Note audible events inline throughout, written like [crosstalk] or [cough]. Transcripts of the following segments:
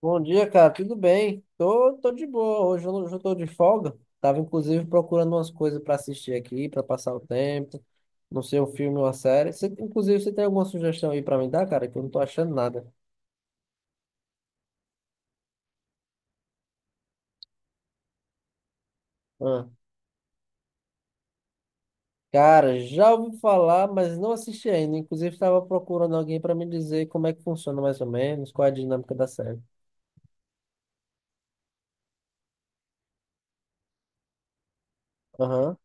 Bom dia, cara. Tudo bem? Tô de boa. Hoje eu tô de folga. Tava inclusive procurando umas coisas pra assistir aqui, pra passar o tempo. Não sei, um filme ou uma série. Inclusive, você tem alguma sugestão aí pra me dar, cara? Que eu não tô achando nada. Ah, cara, já ouvi falar, mas não assisti ainda. Inclusive, tava procurando alguém pra me dizer como é que funciona mais ou menos, qual é a dinâmica da série. Aham.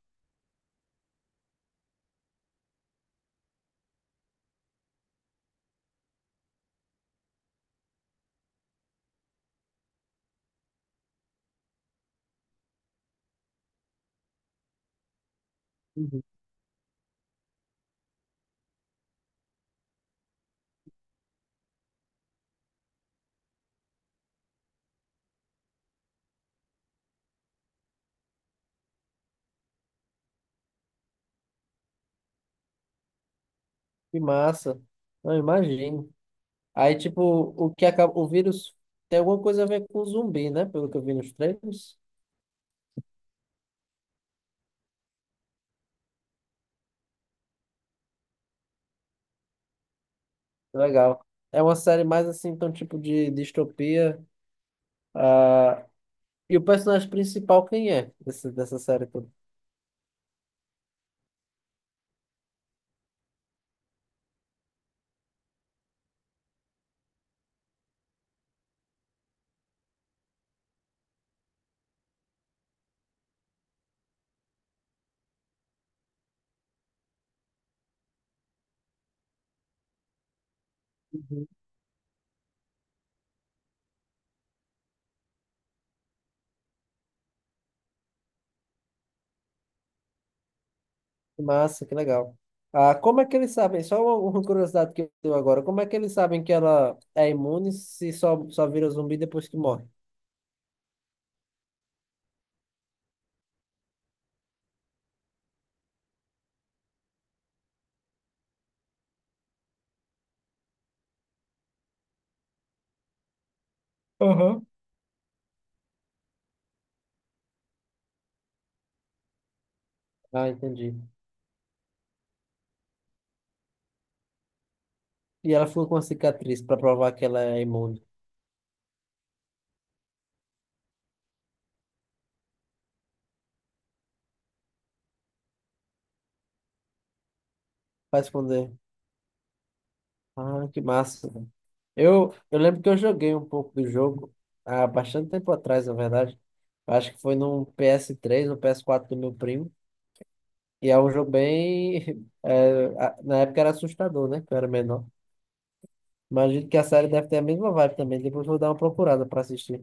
Uhum. Que massa. Não, imagino. Aí, tipo, o que acaba, o vírus tem alguma coisa a ver com zumbi, né? Pelo que eu vi nos trailers. Legal. É uma série mais assim, então, tipo de distopia. ah E o personagem principal, quem é dessa série toda? Uhum. Que massa, que legal. Como é que eles sabem? Só uma curiosidade que eu tenho agora. Como é que eles sabem que ela é imune se só vira zumbi depois que morre? Aham. Ah, entendi. E ela ficou com a cicatriz para provar que ela é imune. Vai responder. Ah, que massa. Eu lembro que eu joguei um pouco do jogo há bastante tempo atrás, na verdade. Eu acho que foi num ps três ou ps quatro do meu primo. E é um jogo bem. [laughs] É, na época era assustador, né? Que eu era menor. Imagino que a série deve ter a mesma vibe também. Depois vou dar uma procurada pra assistir.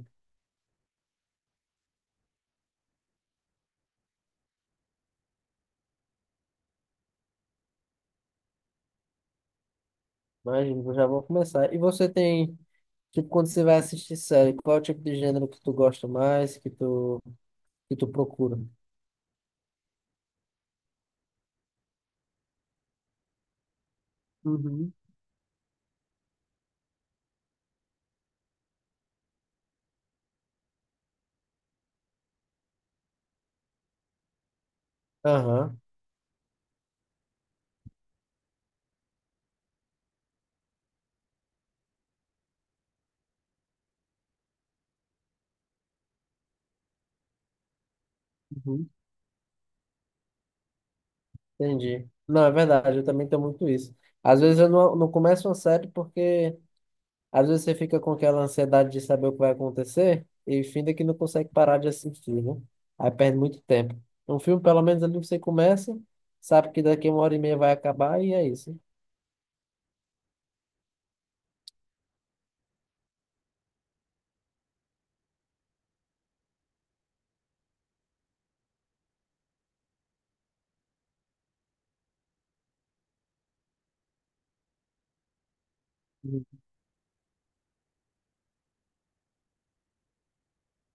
Imagino, eu já vou começar. E você tem. Tipo, quando você vai assistir série, qual é o tipo de gênero que tu gosta mais, que tu procura? Uhum. Aham. Entendi. Não, é verdade, eu também tenho muito isso. Às vezes eu não começo uma série porque às vezes você fica com aquela ansiedade de saber o que vai acontecer e finda que não consegue parar de assistir, né? Aí perde muito tempo. Um filme, pelo menos ali você começa, sabe que daqui uma hora e meia vai acabar e é isso.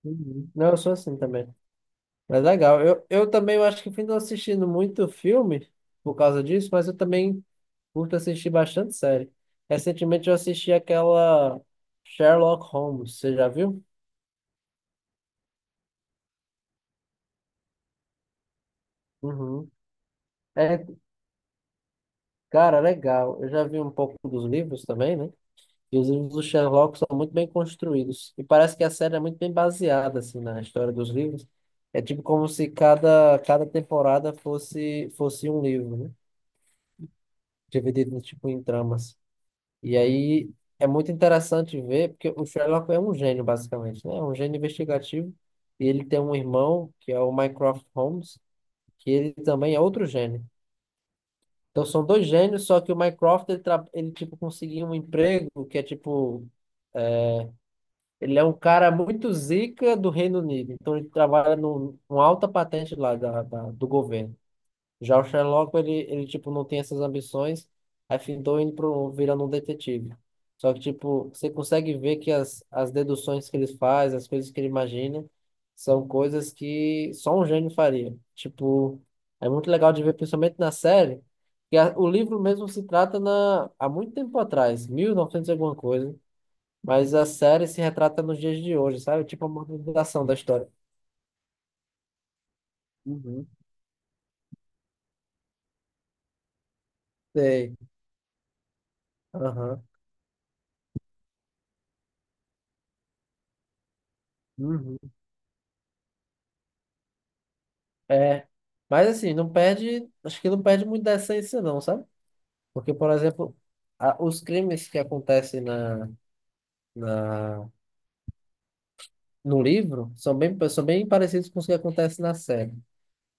Uhum. Não, eu sou assim também. Mas legal. Eu também eu acho que fui não assistindo muito filme por causa disso, mas eu também curto assistir bastante série. Recentemente eu assisti aquela Sherlock Holmes, você já viu? Uhum. É, cara, legal. Eu já vi um pouco dos livros também, né? E os livros do Sherlock são muito bem construídos. E parece que a série é muito bem baseada, assim, na história dos livros. É tipo como se cada temporada fosse um livro, né? Dividido, tipo, em tramas. E aí é muito interessante ver, porque o Sherlock é um gênio, basicamente, né? É um gênio investigativo. E ele tem um irmão, que é o Mycroft Holmes, que ele também é outro gênio. Então são dois gênios, só que o Mycroft, ele tipo, conseguiu um emprego que é tipo. Ele é um cara muito zica do Reino Unido. Então ele trabalha numa alta patente lá do governo. Já o Sherlock, ele tipo, não tem essas ambições, aí findou indo pro, virando um detetive. Só que, tipo, você consegue ver que as deduções que ele faz, as coisas que ele imagina, são coisas que só um gênio faria. Tipo, é muito legal de ver, principalmente na série, que o livro mesmo se trata na, há muito tempo atrás, 1900 e novecentos e alguma coisa, mas a série se retrata nos dias de hoje, sabe? Tipo, a modernização da história. Uhum. Sei. Aham. Uhum. É. Mas assim, não perde. Acho que não perde muito da essência, não, sabe? Porque, por exemplo, os crimes que acontecem na, no livro são bem parecidos com os que acontecem na série.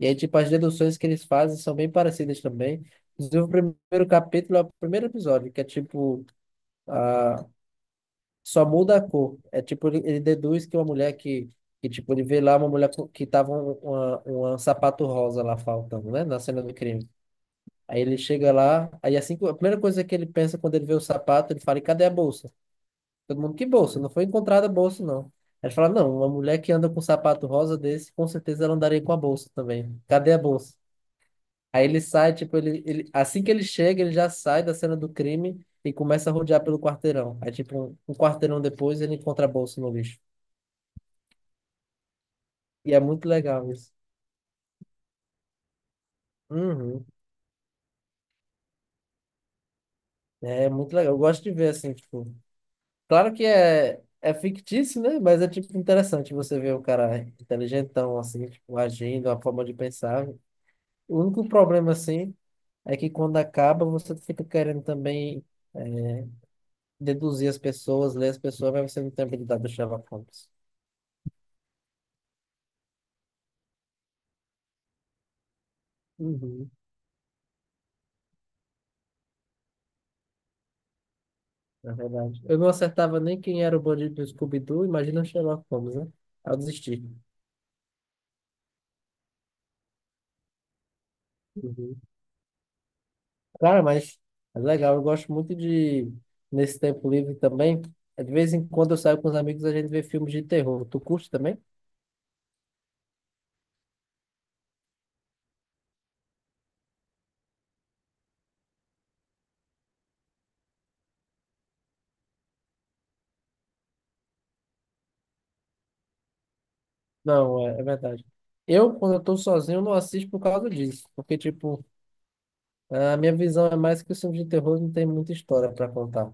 E aí, tipo, as deduções que eles fazem são bem parecidas também. Inclusive, o primeiro capítulo é o primeiro episódio, que é tipo, ah, só muda a cor. É tipo, ele deduz que uma mulher tipo, ele vê lá uma mulher que tava uma sapato rosa lá faltando, né? Na cena do crime. Aí ele chega lá, aí assim, a primeira coisa que ele pensa quando ele vê o sapato, ele fala, e cadê a bolsa? Todo mundo, que bolsa? Não foi encontrada a bolsa, não. Aí ele fala, não, uma mulher que anda com um sapato rosa desse, com certeza ela andaria com a bolsa também. Cadê a bolsa? Aí ele sai, tipo, assim que ele chega, ele já sai da cena do crime e começa a rodear pelo quarteirão. Aí, tipo, um quarteirão depois, ele encontra a bolsa no lixo. E é muito legal isso. Uhum. É muito legal. Eu gosto de ver, assim, tipo, claro que é fictício, né? Mas é, tipo, interessante você ver um cara inteligentão, assim, tipo, agindo, a forma de pensar. O único problema, assim, é que quando acaba, você fica querendo também é, deduzir as pessoas, ler as pessoas, mas você não tem habilidade do Sherlock Holmes. Uhum. Na verdade, eu não acertava nem quem era o bandido do Scooby-Doo, imagina o Sherlock Holmes, né? Aí eu desisti. Uhum. Cara, mas é legal, eu gosto muito de, nesse tempo livre também, de vez em quando eu saio com os amigos, a gente vê filmes de terror. Tu curte também? Não, é verdade. Eu, quando eu tô sozinho, não assisto por causa disso, porque, tipo, a minha visão é mais que os filmes de terror não tem muita história para contar.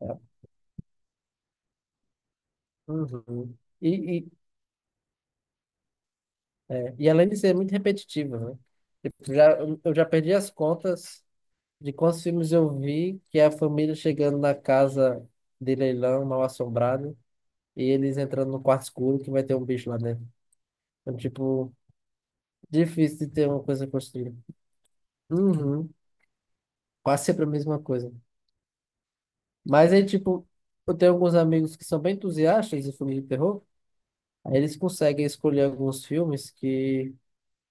É. Uhum. E, e, e além de ser muito repetitivo, né? Tipo, já, eu já perdi as contas de quantos filmes eu vi que é a família chegando na casa de leilão mal assombrada e eles entrando no quarto escuro que vai ter um bicho lá dentro. Então, tipo, difícil de ter uma coisa construída. Uhum. Quase sempre a mesma coisa. Mas aí, tipo, eu tenho alguns amigos que são bem entusiastas de filmes de terror, aí eles conseguem escolher alguns filmes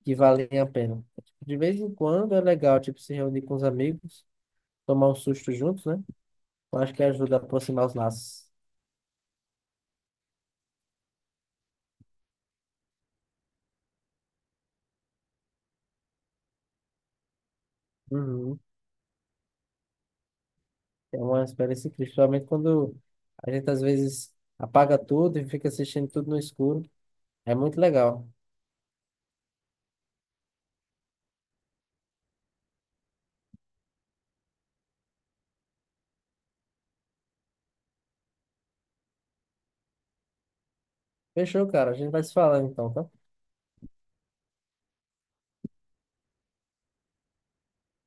que valem a pena. Tipo, de vez em quando é legal, tipo, se reunir com os amigos, tomar um susto juntos, né? Eu acho que ajuda a aproximar os laços. Uhum. É uma experiência incrível, principalmente quando a gente às vezes apaga tudo e fica assistindo tudo no escuro. É muito legal. Fechou, cara. A gente vai se falando então, tá?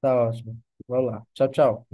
Tá ótimo. Vamos lá. Tchau, tchau.